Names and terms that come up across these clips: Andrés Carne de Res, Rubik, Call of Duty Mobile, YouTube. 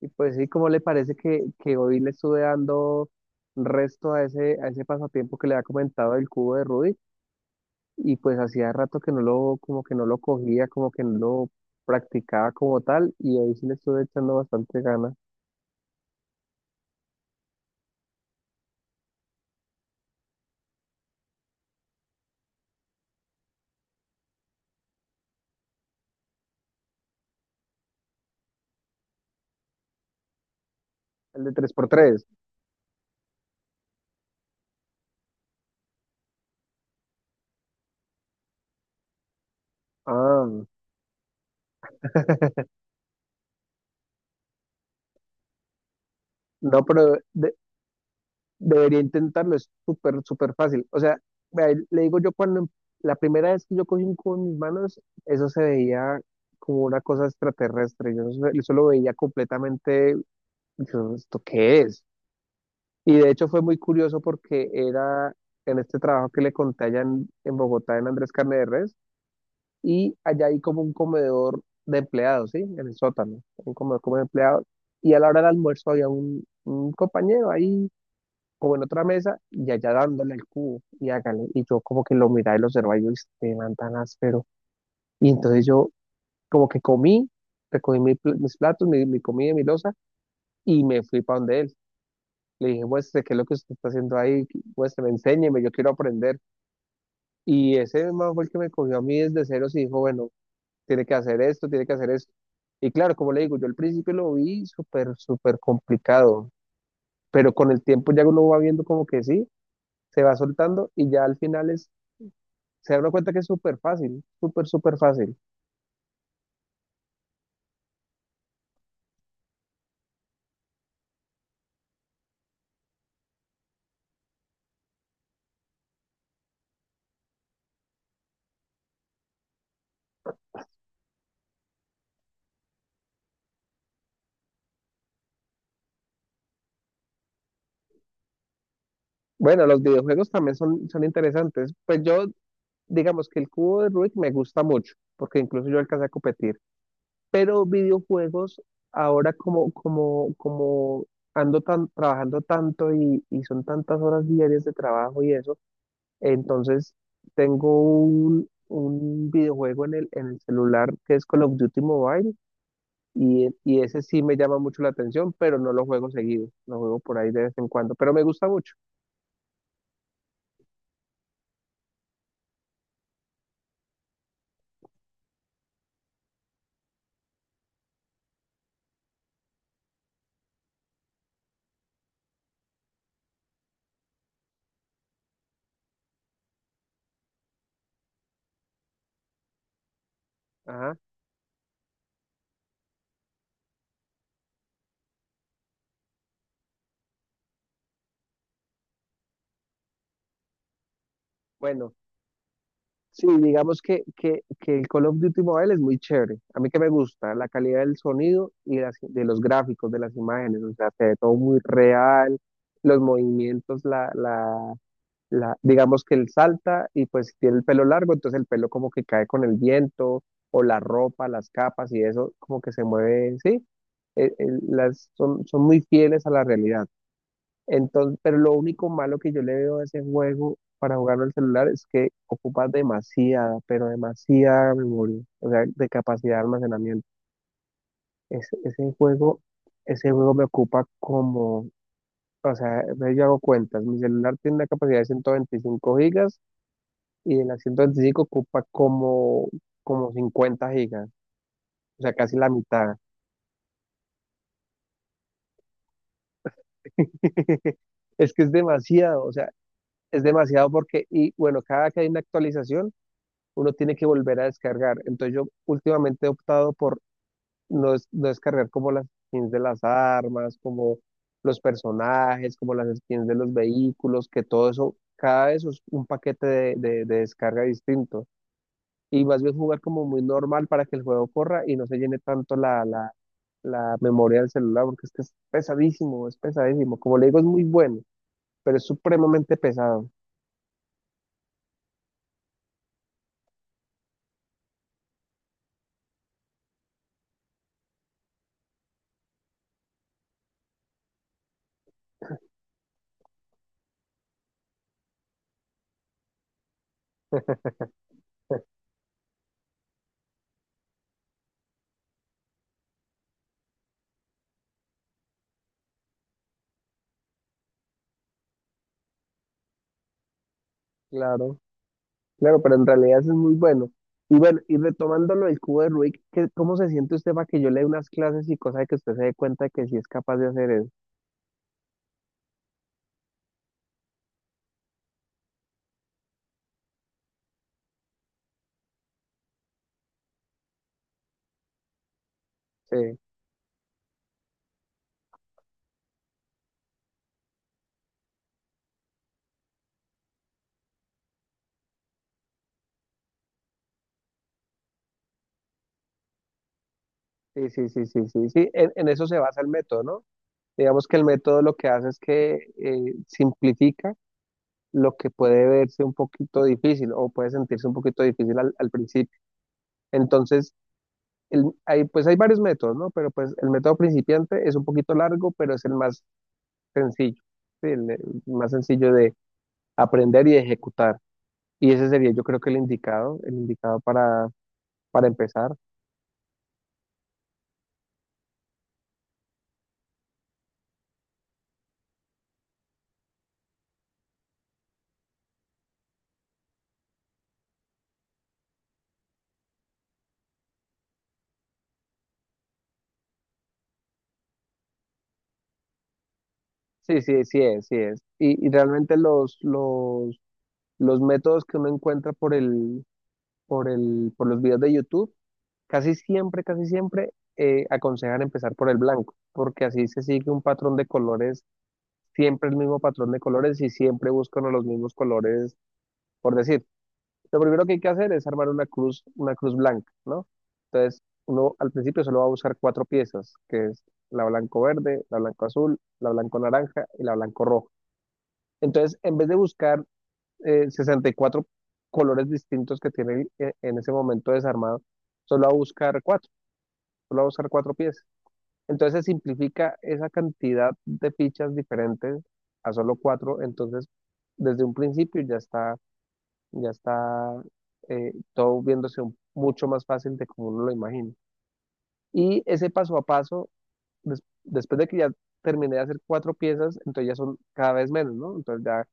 Y pues sí, ¿cómo le parece que hoy le estuve dando resto a ese pasatiempo que le había comentado del cubo de Rubik? Y pues hacía rato que no lo, como que no lo cogía, como que no lo practicaba como tal, y ahí sí le estuve echando bastante ganas. El de tres por tres. Ah. No, pero debería intentarlo, es súper, súper fácil. O sea, vea, le digo yo la primera vez que yo cogí un cubo en mis manos, eso se veía como una cosa extraterrestre. Yo eso lo veía completamente. Yo, ¿esto qué es? Y de hecho fue muy curioso porque era en este trabajo que le conté allá en Bogotá, en Andrés Carne de Res, y allá hay como un comedor de empleados, ¿sí? En el sótano, un comedor como de empleados. Y a la hora del almuerzo había un compañero ahí, como en otra mesa, y allá dándole el cubo, y hágale. Y yo como que lo miraba y lo observaba, y yo, este man tan áspero. Y entonces yo como que comí, recogí mis platos, mi comida, y mi loza, y me fui para donde él. Le dije, muestre, ¿qué es lo que usted está haciendo ahí? Muestre, enséñeme, yo quiero aprender. Y ese man fue el que me cogió a mí desde ceros y dijo, bueno, tiene que hacer esto, tiene que hacer esto. Y claro, como le digo, yo al principio lo vi súper, súper complicado, pero con el tiempo ya uno va viendo como que sí, se va soltando y ya al final es, se da uno cuenta que es súper fácil, súper, súper fácil. Bueno, los videojuegos también son interesantes. Pues yo, digamos que el cubo de Rubik me gusta mucho, porque incluso yo alcancé a competir. Pero videojuegos ahora como ando trabajando tanto y son tantas horas diarias de trabajo y eso, entonces tengo un videojuego en el celular, que es Call of Duty Mobile, y ese sí me llama mucho la atención, pero no lo juego seguido, lo juego por ahí de vez en cuando, pero me gusta mucho. Ajá. Bueno. Sí, digamos que el Call of Duty Mobile es muy chévere. A mí que me gusta la calidad del sonido y de los gráficos, de las imágenes. O sea, se ve todo muy real, los movimientos, digamos que él salta y pues si tiene el pelo largo, entonces el pelo como que cae con el viento o la ropa, las capas y eso como que se mueve, sí. Son muy fieles a la realidad. Entonces, pero lo único malo que yo le veo a ese juego para jugarlo en el celular es que ocupa demasiada, pero demasiada memoria, o sea, de capacidad de almacenamiento. Ese, ese juego, ese juego me ocupa o sea, entonces yo hago cuentas, mi celular tiene una capacidad de 125 gigas y en las 125 ocupa como, 50 gigas, o sea, casi la mitad. Es que es demasiado, o sea, es demasiado porque, y bueno, cada que hay una actualización, uno tiene que volver a descargar. Entonces yo últimamente he optado por no, no descargar como las skins de las armas, como los personajes, como las skins de los vehículos, que todo eso, cada eso es un paquete de descarga distinto. Y más bien jugar como muy normal para que el juego corra y no se llene tanto la memoria del celular, porque es que es pesadísimo, es pesadísimo. Como le digo, es muy bueno, pero es supremamente pesado. Claro. Claro, pero en realidad eso es muy bueno. Y bueno, y retomando lo del cubo de Rubik, ¿cómo se siente usted para que yo le dé unas clases, y cosa de que usted se dé cuenta de que sí es capaz de hacer eso? Sí, sí, sí, sí, sí, sí, sí. En eso se basa el método, ¿no? Digamos que el método lo que hace es que simplifica lo que puede verse un poquito difícil o puede sentirse un poquito difícil al principio. Entonces, pues hay varios métodos, ¿no? Pero pues el método principiante es un poquito largo, pero es el más sencillo. Sí, el más sencillo de aprender y ejecutar. Y ese sería, yo creo, que el indicado para empezar. Sí, sí, sí es, sí es. Y realmente los métodos que uno encuentra por los videos de YouTube, casi siempre aconsejan empezar por el blanco, porque así se sigue un patrón de colores, siempre el mismo patrón de colores y siempre buscan los mismos colores, por decir. Lo primero que hay que hacer es armar una cruz blanca, ¿no? Entonces, uno al principio solo va a buscar cuatro piezas, que es la blanco verde, la blanco azul, la blanco naranja y la blanco rojo. Entonces, en vez de buscar 64 colores distintos que tiene en ese momento desarmado, solo va a buscar cuatro, solo va a buscar cuatro piezas. Entonces, se simplifica esa cantidad de fichas diferentes a solo cuatro, entonces desde un principio ya está todo viéndose mucho más fácil de como uno lo imagina. Y ese paso a paso, después de que ya terminé de hacer cuatro piezas, entonces ya son cada vez menos, ¿no? Entonces ya,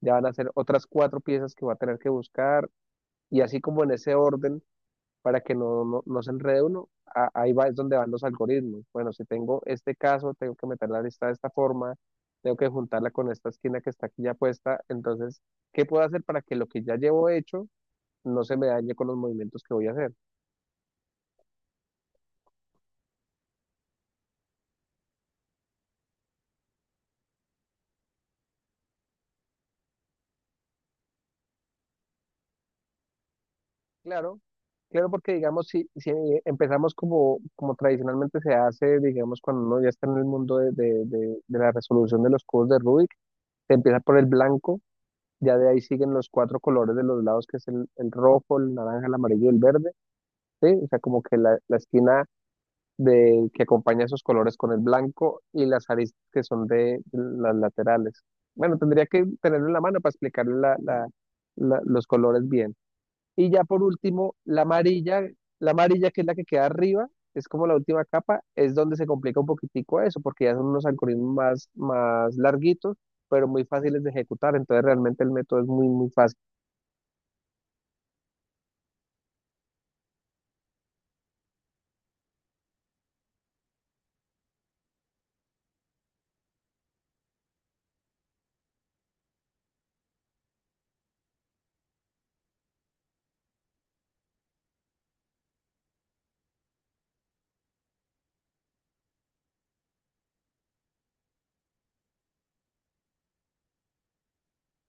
ya van a ser otras cuatro piezas que va a tener que buscar, y así como en ese orden para que no, no, no se enrede uno. A ahí va, es donde van los algoritmos. Bueno, si tengo este caso, tengo que meter la lista de esta forma, tengo que juntarla con esta esquina que está aquí ya puesta, entonces, ¿qué puedo hacer para que lo que ya llevo hecho no se me dañe con los movimientos que voy a hacer? Claro, claro, porque digamos, si empezamos como, como tradicionalmente se hace, digamos, cuando uno ya está en el mundo de la resolución de los cubos de Rubik, se empieza por el blanco. Ya de ahí siguen los cuatro colores de los lados, que es el rojo, el naranja, el amarillo y el verde, ¿sí? O sea, como que la esquina de, que acompaña esos colores con el blanco, y las aristas que son de las laterales. Bueno, tendría que tenerlo en la mano para explicarle los colores bien. Y ya por último, la amarilla que es la que queda arriba, es como la última capa, es donde se complica un poquitico eso, porque ya son unos algoritmos más, más larguitos, pero muy fáciles de ejecutar. Entonces realmente el método es muy, muy fácil.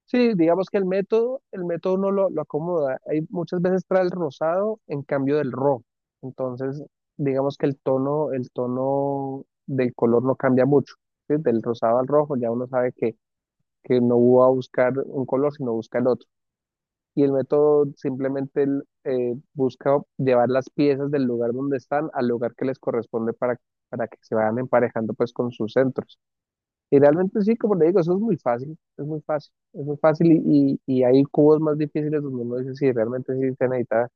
Sí, digamos que el método uno lo acomoda. Hay muchas veces trae el rosado en cambio del rojo. Entonces, digamos que el tono del color no cambia mucho. ¿Sí? Del rosado al rojo ya uno sabe que no va a buscar un color, sino busca el otro. Y el método simplemente busca llevar las piezas del lugar donde están al lugar que les corresponde para que se vayan emparejando pues con sus centros. Y realmente sí, como le digo, eso es muy fácil, es muy fácil, es muy fácil, y hay cubos más difíciles donde uno dice, sí, realmente sí se necesita,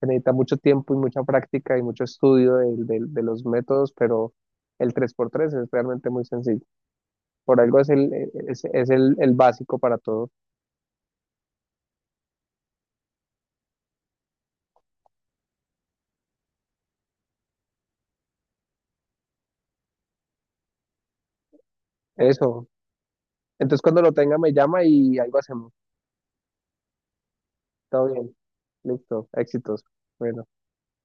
se necesita mucho tiempo y mucha práctica y mucho estudio de los métodos, pero el tres por tres es realmente muy sencillo. Por algo es el básico para todo eso. Entonces cuando lo tenga me llama y algo hacemos. Todo bien. Listo. Éxitos. Bueno.